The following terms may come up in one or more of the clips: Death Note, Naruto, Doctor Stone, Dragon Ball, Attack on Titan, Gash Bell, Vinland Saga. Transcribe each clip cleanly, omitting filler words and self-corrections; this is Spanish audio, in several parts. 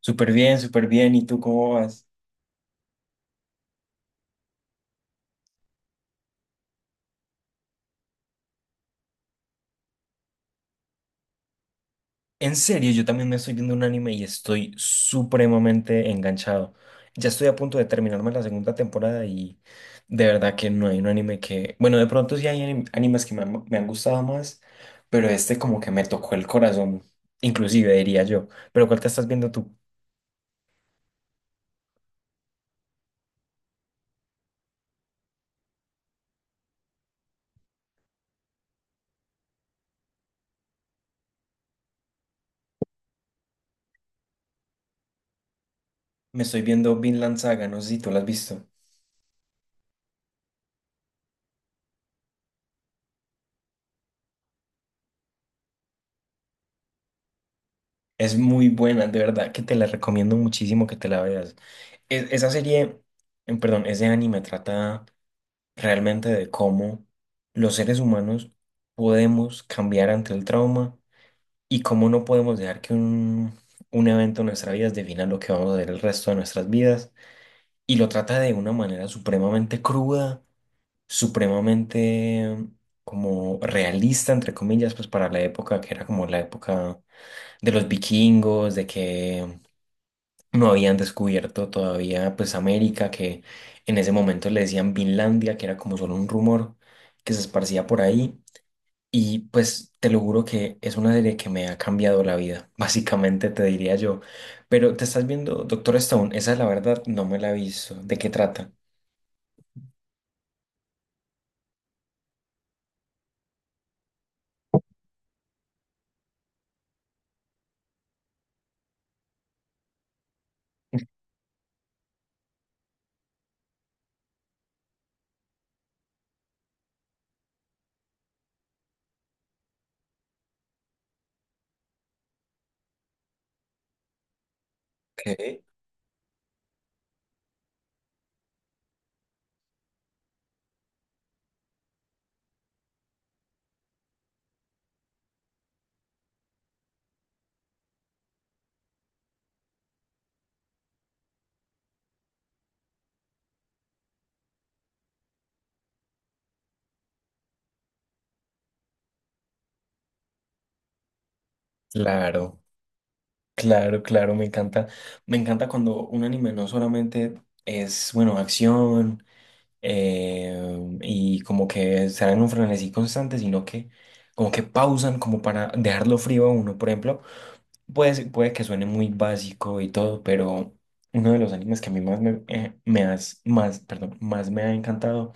Súper bien, súper bien. ¿Y tú cómo vas? En serio, yo también me estoy viendo un anime y estoy supremamente enganchado. Ya estoy a punto de terminarme la segunda temporada y de verdad que no hay un anime que... Bueno, de pronto sí hay animes que me han gustado más, pero este como que me tocó el corazón, inclusive diría yo. Pero ¿cuál te estás viendo tú? Me estoy viendo Vinland Saga, no sé si tú la has visto. Es muy buena, de verdad que te la recomiendo muchísimo que te la veas. Esa serie, ese anime trata realmente de cómo los seres humanos podemos cambiar ante el trauma y cómo no podemos dejar que un evento en nuestra vida defina lo que vamos a hacer el resto de nuestras vidas. Y lo trata de una manera supremamente cruda, supremamente como realista, entre comillas, pues para la época que era como la época de los vikingos, de que no habían descubierto todavía pues América, que en ese momento le decían Vinlandia, que era como solo un rumor que se esparcía por ahí. Y pues te lo juro que es una serie que me ha cambiado la vida, básicamente te diría yo. Pero te estás viendo Doctor Stone, esa la verdad no me la he visto. ¿De qué trata? Ok. Claro, claro, claro, me encanta. Me encanta cuando un anime no solamente es, bueno, acción. eh, y como que están en un frenesí constante, sino que como que pausan como para dejarlo frío a uno. Por ejemplo, puede que suene muy básico y todo, pero uno de los animes que a mí más me, me has- más, perdón, más me ha encantado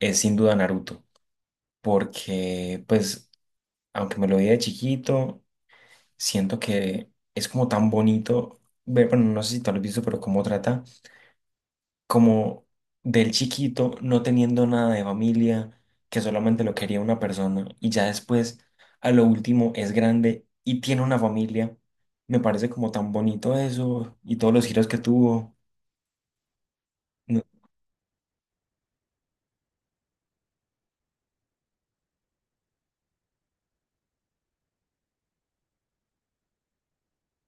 es sin duda Naruto, porque pues aunque me lo vi de chiquito, siento que es como tan bonito ver, bueno, no sé si tú lo has visto, pero cómo trata como del chiquito no teniendo nada de familia, que solamente lo quería una persona y ya después a lo último es grande y tiene una familia. Me parece como tan bonito eso y todos los giros que tuvo. No-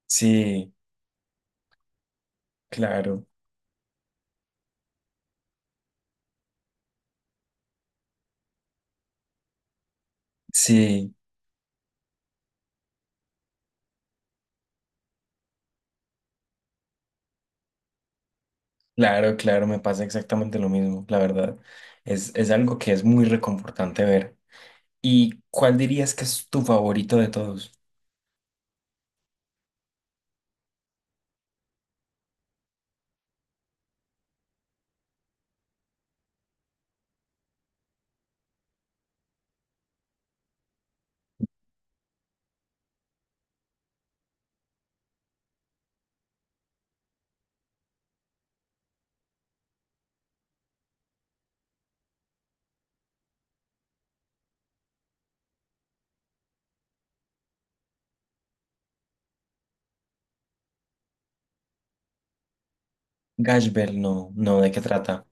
Sí, claro, sí, claro, claro, me pasa exactamente lo mismo, la verdad. Es algo que es muy reconfortante ver. ¿Y cuál dirías que es tu favorito de todos? Gash Bell, no, no, ¿de qué trata?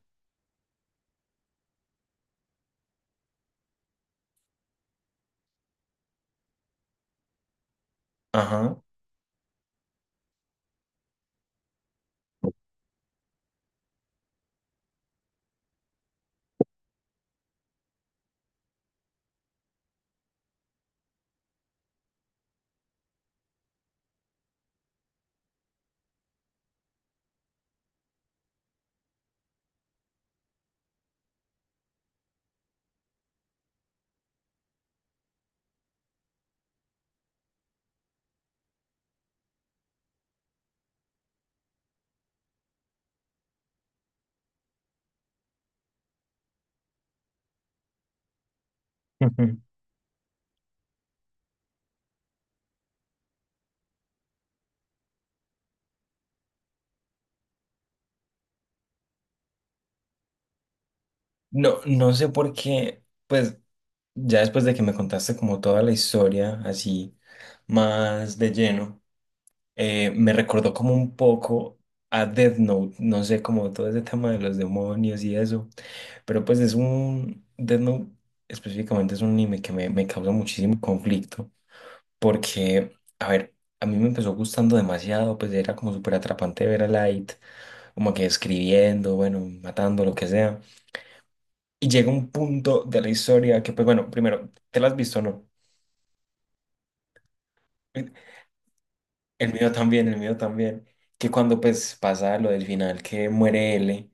Ajá. No, no sé por qué, pues ya después de que me contaste como toda la historia, así más de lleno, me recordó como un poco a Death Note, no sé, como todo ese tema de los demonios y eso, pero pues es un, Death Note específicamente es un anime que me causa muchísimo conflicto, porque, a ver, a mí me empezó gustando demasiado, pues era como súper atrapante ver a Light, como que escribiendo, bueno, matando, lo que sea. Y llega un punto de la historia que, pues bueno, primero, ¿te la has visto o no? El mío también, el mío también. Que cuando pues pasa lo del final, que muere L,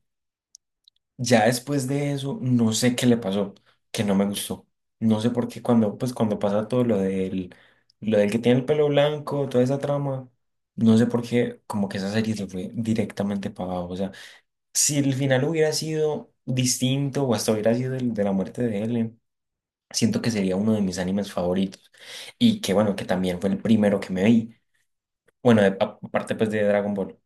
ya después de eso, no sé qué le pasó, que no me gustó. No sé por qué cuando, pues cuando pasa todo lo del que tiene el pelo blanco, toda esa trama, no sé por qué, como que esa serie se fue directamente para abajo. O sea, si el final hubiera sido distinto o hasta hubiera sido el de la muerte de L. Siento que sería uno de mis animes favoritos. Y que bueno, que también fue el primero que me vi. Bueno, aparte pues de Dragon Ball.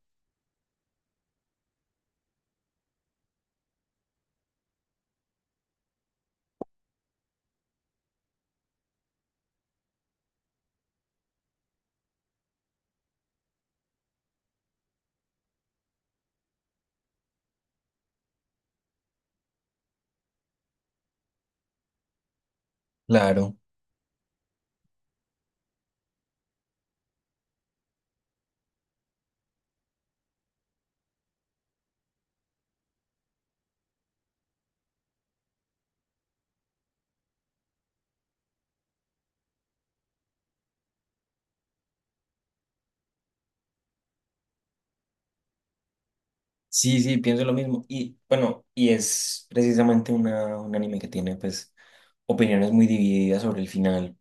Claro. Sí, sí, pienso lo mismo. Y bueno, y es precisamente una, un anime que tiene pues opiniones muy divididas sobre el final.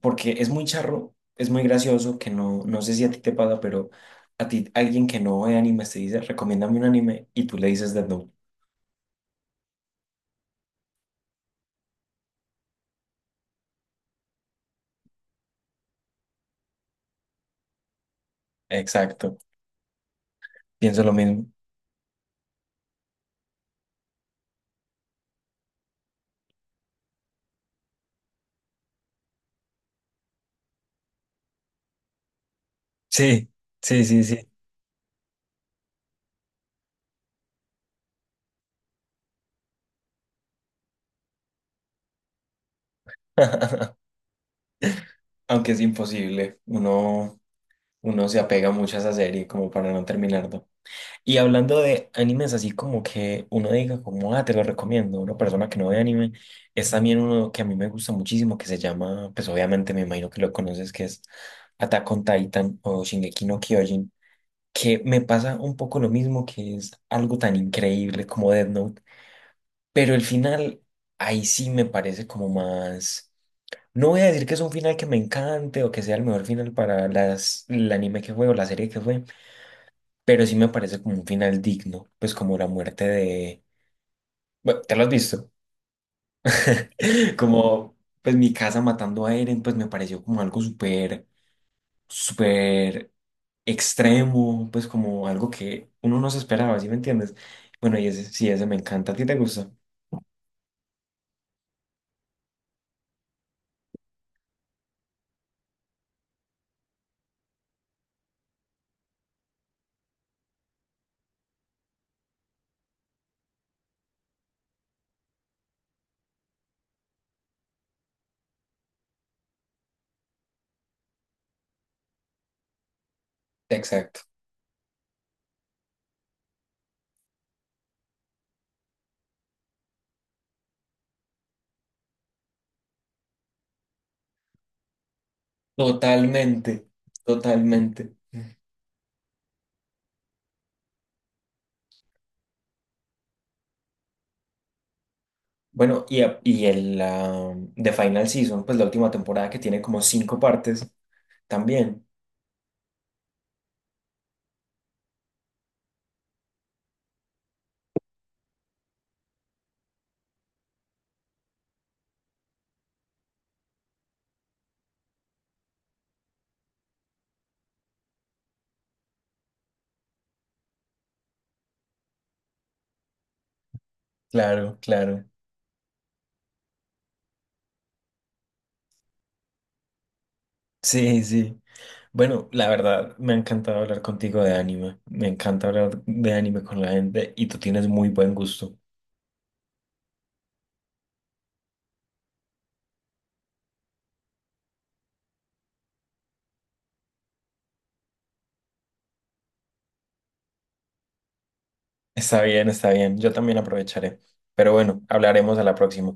Porque es muy charro, es muy gracioso, que no, no sé si a ti te pasa, pero a ti alguien que no ve animes te dice, recomiéndame un anime y tú le dices Death Note. Exacto, pienso lo mismo. Sí, sí, sí, sí. Aunque es imposible, uno se apega mucho a esa serie como para no terminarlo. Y hablando de animes, así como que uno diga como, ah, te lo recomiendo, una persona que no ve anime, es también uno que a mí me gusta muchísimo, que se llama, pues obviamente me imagino que lo conoces, que es Attack on Titan o Shingeki no Kyojin, que me pasa un poco lo mismo, que es algo tan increíble como Death Note, pero el final ahí sí me parece como más... No voy a decir que es un final que me encante o que sea el mejor final para las, el anime que fue o la serie que fue, pero sí me parece como un final digno, pues como la muerte de... Bueno, te lo has visto. Como pues mi casa matando a Eren, pues me pareció como algo súper, súper extremo, pues como algo que uno no se esperaba, ¿sí me entiendes? Bueno, y ese sí, ese me encanta. ¿A ti te gusta? Exacto. Totalmente, totalmente. Bueno, y el The Final Season, pues la última temporada que tiene como cinco partes también. Claro, claro. Sí, sí. Bueno, la verdad, me ha encantado hablar contigo de anime. Me encanta hablar de anime con la gente y tú tienes muy buen gusto. Está bien, está bien. Yo también aprovecharé. Pero bueno, hablaremos a la próxima.